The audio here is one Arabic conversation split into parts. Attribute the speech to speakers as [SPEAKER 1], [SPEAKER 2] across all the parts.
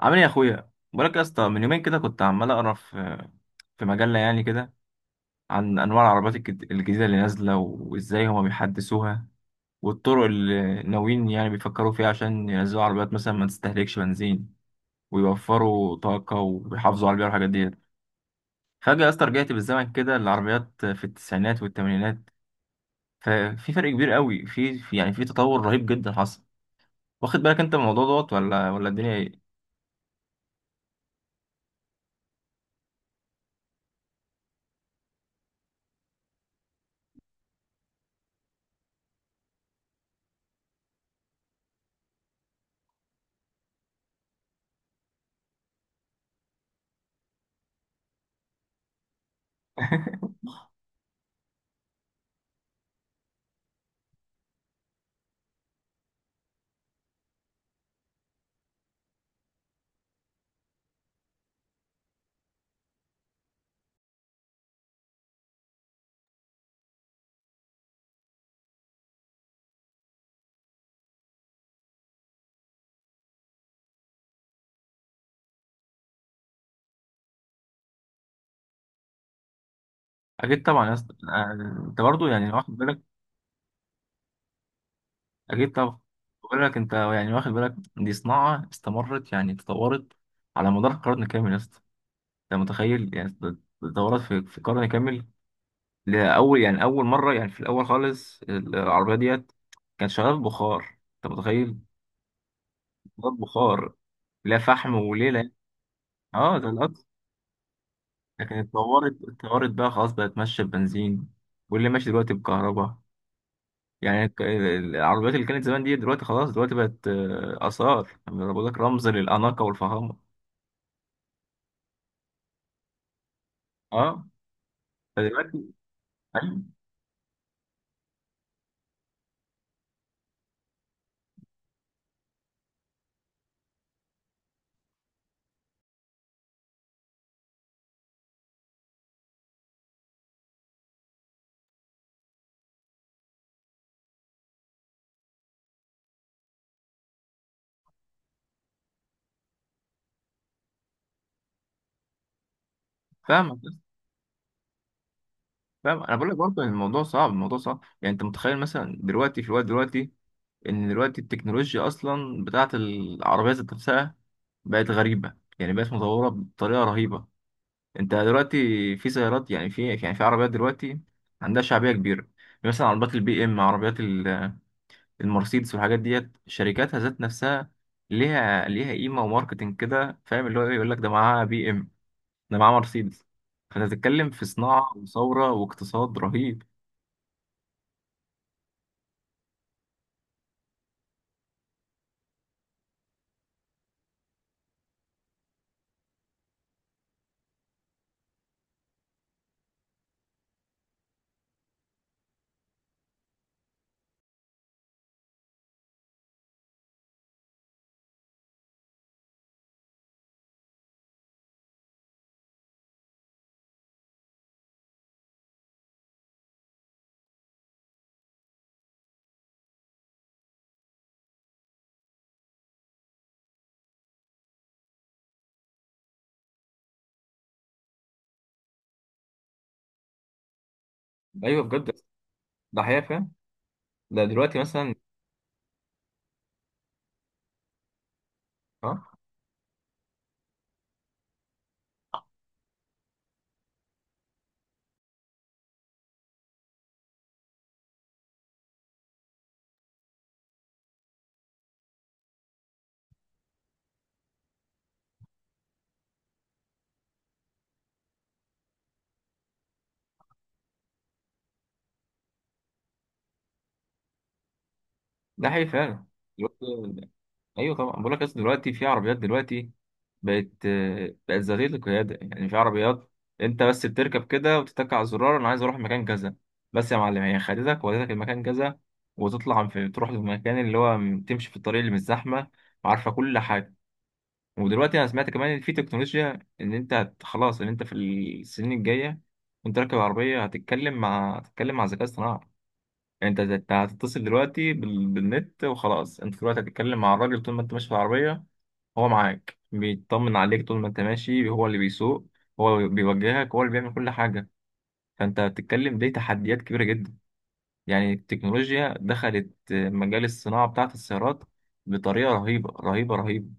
[SPEAKER 1] عامل ايه يا اخويا؟ بقولك يا اسطى، من يومين كده كنت عمال اقرا في مجله يعني كده، عن انواع العربيات الجديده اللي نازله وازاي هما بيحدثوها، والطرق اللي ناويين يعني بيفكروا فيها عشان ينزلوا عربيات مثلا ما تستهلكش بنزين ويوفروا طاقه ويحافظوا على البيئه والحاجات ديت. فجاه يا اسطى رجعت بالزمن كده للعربيات في التسعينات والثمانينات. ففي فرق كبير قوي يعني في تطور رهيب جدا حصل. واخد بالك انت من الموضوع دوت، ولا الدنيا ايه؟ اكيد طبعا يا اسطى، آه. انت برضه يعني واخد بالك. أكيد طبعا. بقول لك أنت يعني واخد بالك، دي صناعة استمرت يعني تطورت على مدار قرن كامل يا اسطى. أنت متخيل يعني؟ تطورت في قرن كامل. لأول يعني أول مرة يعني في الأول خالص العربية ديت كانت شغالة بخار، أنت متخيل؟ شغالة بخار، لا فحم وليلة. أه، ده الأصل. لكن اتطورت بقى، خلاص بقت ماشية ببنزين، واللي ماشي دلوقتي بكهرباء. يعني العربيات اللي كانت زمان دي دلوقتي خلاص، دلوقتي بقت آثار، يعني بقول لك رمز للأناقة والفخامة. اه، فدلوقتي. ايوه فاهمك، بس فاهم، انا بقول لك برضه إن الموضوع صعب، الموضوع صعب، يعني انت متخيل مثلا دلوقتي في الوقت دلوقتي؟ ان دلوقتي التكنولوجيا اصلا بتاعت العربيه ذات نفسها بقت غريبه، يعني بقت متطوره بطريقه رهيبه. انت دلوقتي، في سيارات يعني في عربيات دلوقتي عندها شعبيه كبيره، يعني مثلا عربيات البي ام، عربيات المرسيدس والحاجات ديت. شركاتها ذات نفسها ليها قيمه وماركتنج كده، فاهم اللي هو إيه؟ يقول لك ده معاها بي ام، ده معاه مرسيدس. فانت بتتكلم في صناعه وثوره واقتصاد رهيب. ايوه بجد، ده حقيقه فعلا. ده دلوقتي مثلا. اه، ده حقيقي فعلا. دلوقتي ايوه طبعا، بقول لك اصل دلوقتي في عربيات دلوقتي بقت، بقت ذاتيه القياده، يعني في عربيات انت بس بتركب كده وتتك على الزرار، انا عايز اروح مكان كذا، بس يا معلم هي خدتك ودتك المكان كذا. وتطلع في تروح للمكان اللي هو تمشي في الطريق اللي مش زحمه وعارفه كل حاجه. ودلوقتي انا سمعت كمان ان في تكنولوجيا، ان انت خلاص ان انت في السنين الجايه وانت راكب العربيه هتتكلم مع ذكاء اصطناعي، يعني انت هتتصل دلوقتي بالنت، وخلاص انت دلوقتي هتتكلم مع الراجل طول ما انت ماشي في العربيه، هو معاك بيطمن عليك طول ما انت ماشي، هو اللي بيسوق، هو اللي بيوجهك، هو اللي بيعمل كل حاجه. فانت بتتكلم دي تحديات كبيره جدا، يعني التكنولوجيا دخلت مجال الصناعه بتاعه السيارات بطريقه رهيبه رهيبه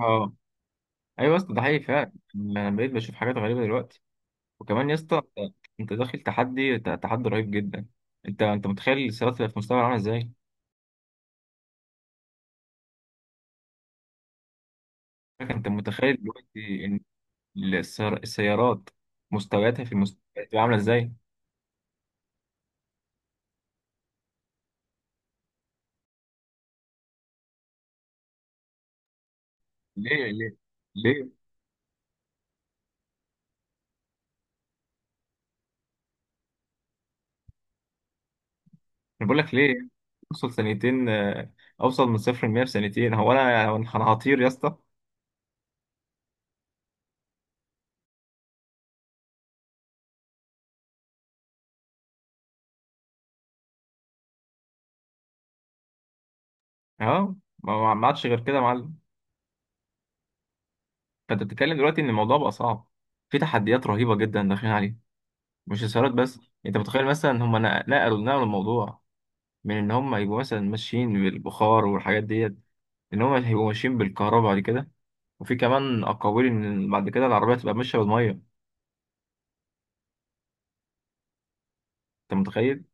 [SPEAKER 1] رهيبه. ايوه يا اسطى، ده حقيقي فعلا، انا بقيت بشوف حاجات غريبه دلوقتي. وكمان يا اسطى، أنت داخل تحدي، تحدي رهيب جدا. انت متخيل السيارات اللي في المستقبل عامله ازاي؟ انت متخيل دلوقتي ان السيارات مستوياتها في المستقبل هتبقى عامله ازاي؟ ليه، ليه، ليه؟ انا بقول لك ليه. اوصل ثانيتين آه، اوصل من صفر ل 100 في ثانيتين! هو انا هطير يا اسطى؟ اه. ما عادش غير كده يا معلم. فانت بتتكلم دلوقتي ان الموضوع بقى صعب، في تحديات رهيبه جدا داخلين عليها، مش إثارات بس. أنت متخيل مثلا هم نقلوا الموضوع من إن هم يبقوا مثلا ماشيين بالبخار والحاجات ديت، إن هم هيبقوا ماشيين بالكهرباء بعد كده، وفي كمان أقاويل إن بعد كده العربية تبقى ماشية بالمية. أنت متخيل؟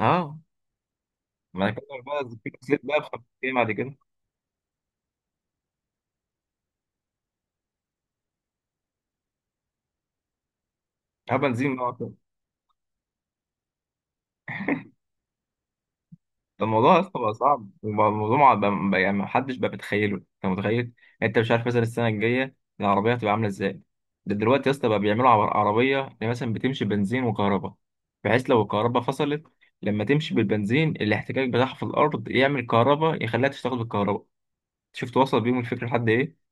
[SPEAKER 1] أه، بعد كده بقى في كتلة بقى بخمسين بعد كده. أه، بنزين بقى. ده الموضوع اصلا بقى صعب، وبقى الموضوع ما بقى- بقى- يعني محدش بقى بيتخيله، انت متخيل يعني؟ انت مش عارف مثلا السنه الجايه العربيه هتبقى عامله ازاي. ده دلوقتي يا اسطى بقى بيعملوا عربيه اللي مثلا بتمشي بنزين وكهرباء، بحيث لو الكهرباء فصلت، لما تمشي بالبنزين الاحتكاك بتاعها في الارض يعمل كهرباء يخليها تشتغل بالكهرباء. شفت وصل بيهم الفكره لحد ايه؟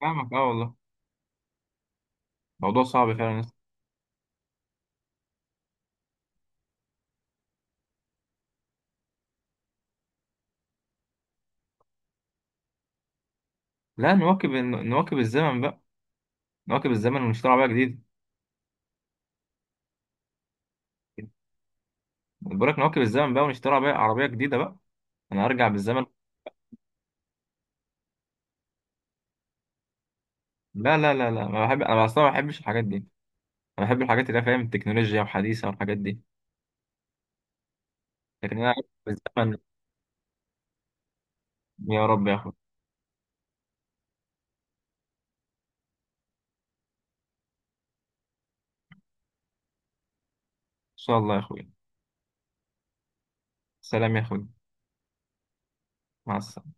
[SPEAKER 1] فاهمك، اه والله، موضوع صعب فعلا يا اسطى. لا، نواكب الزمن بقى، نواكب الزمن ونشتري عربيه جديده. بقول لك نواكب الزمن بقى ونشتري عربيه جديده بقى. انا هرجع بالزمن؟ لا، لا، لا، لا، ما بحب انا اصلا، ما بحبش الحاجات دي. انا بحب الحاجات اللي هي فاهم، التكنولوجيا وحديثه والحاجات دي. لكن انا بالزمن، يا رب يا اخوي. ان شاء الله يا اخوي. سلام يا اخوي. مع السلامه.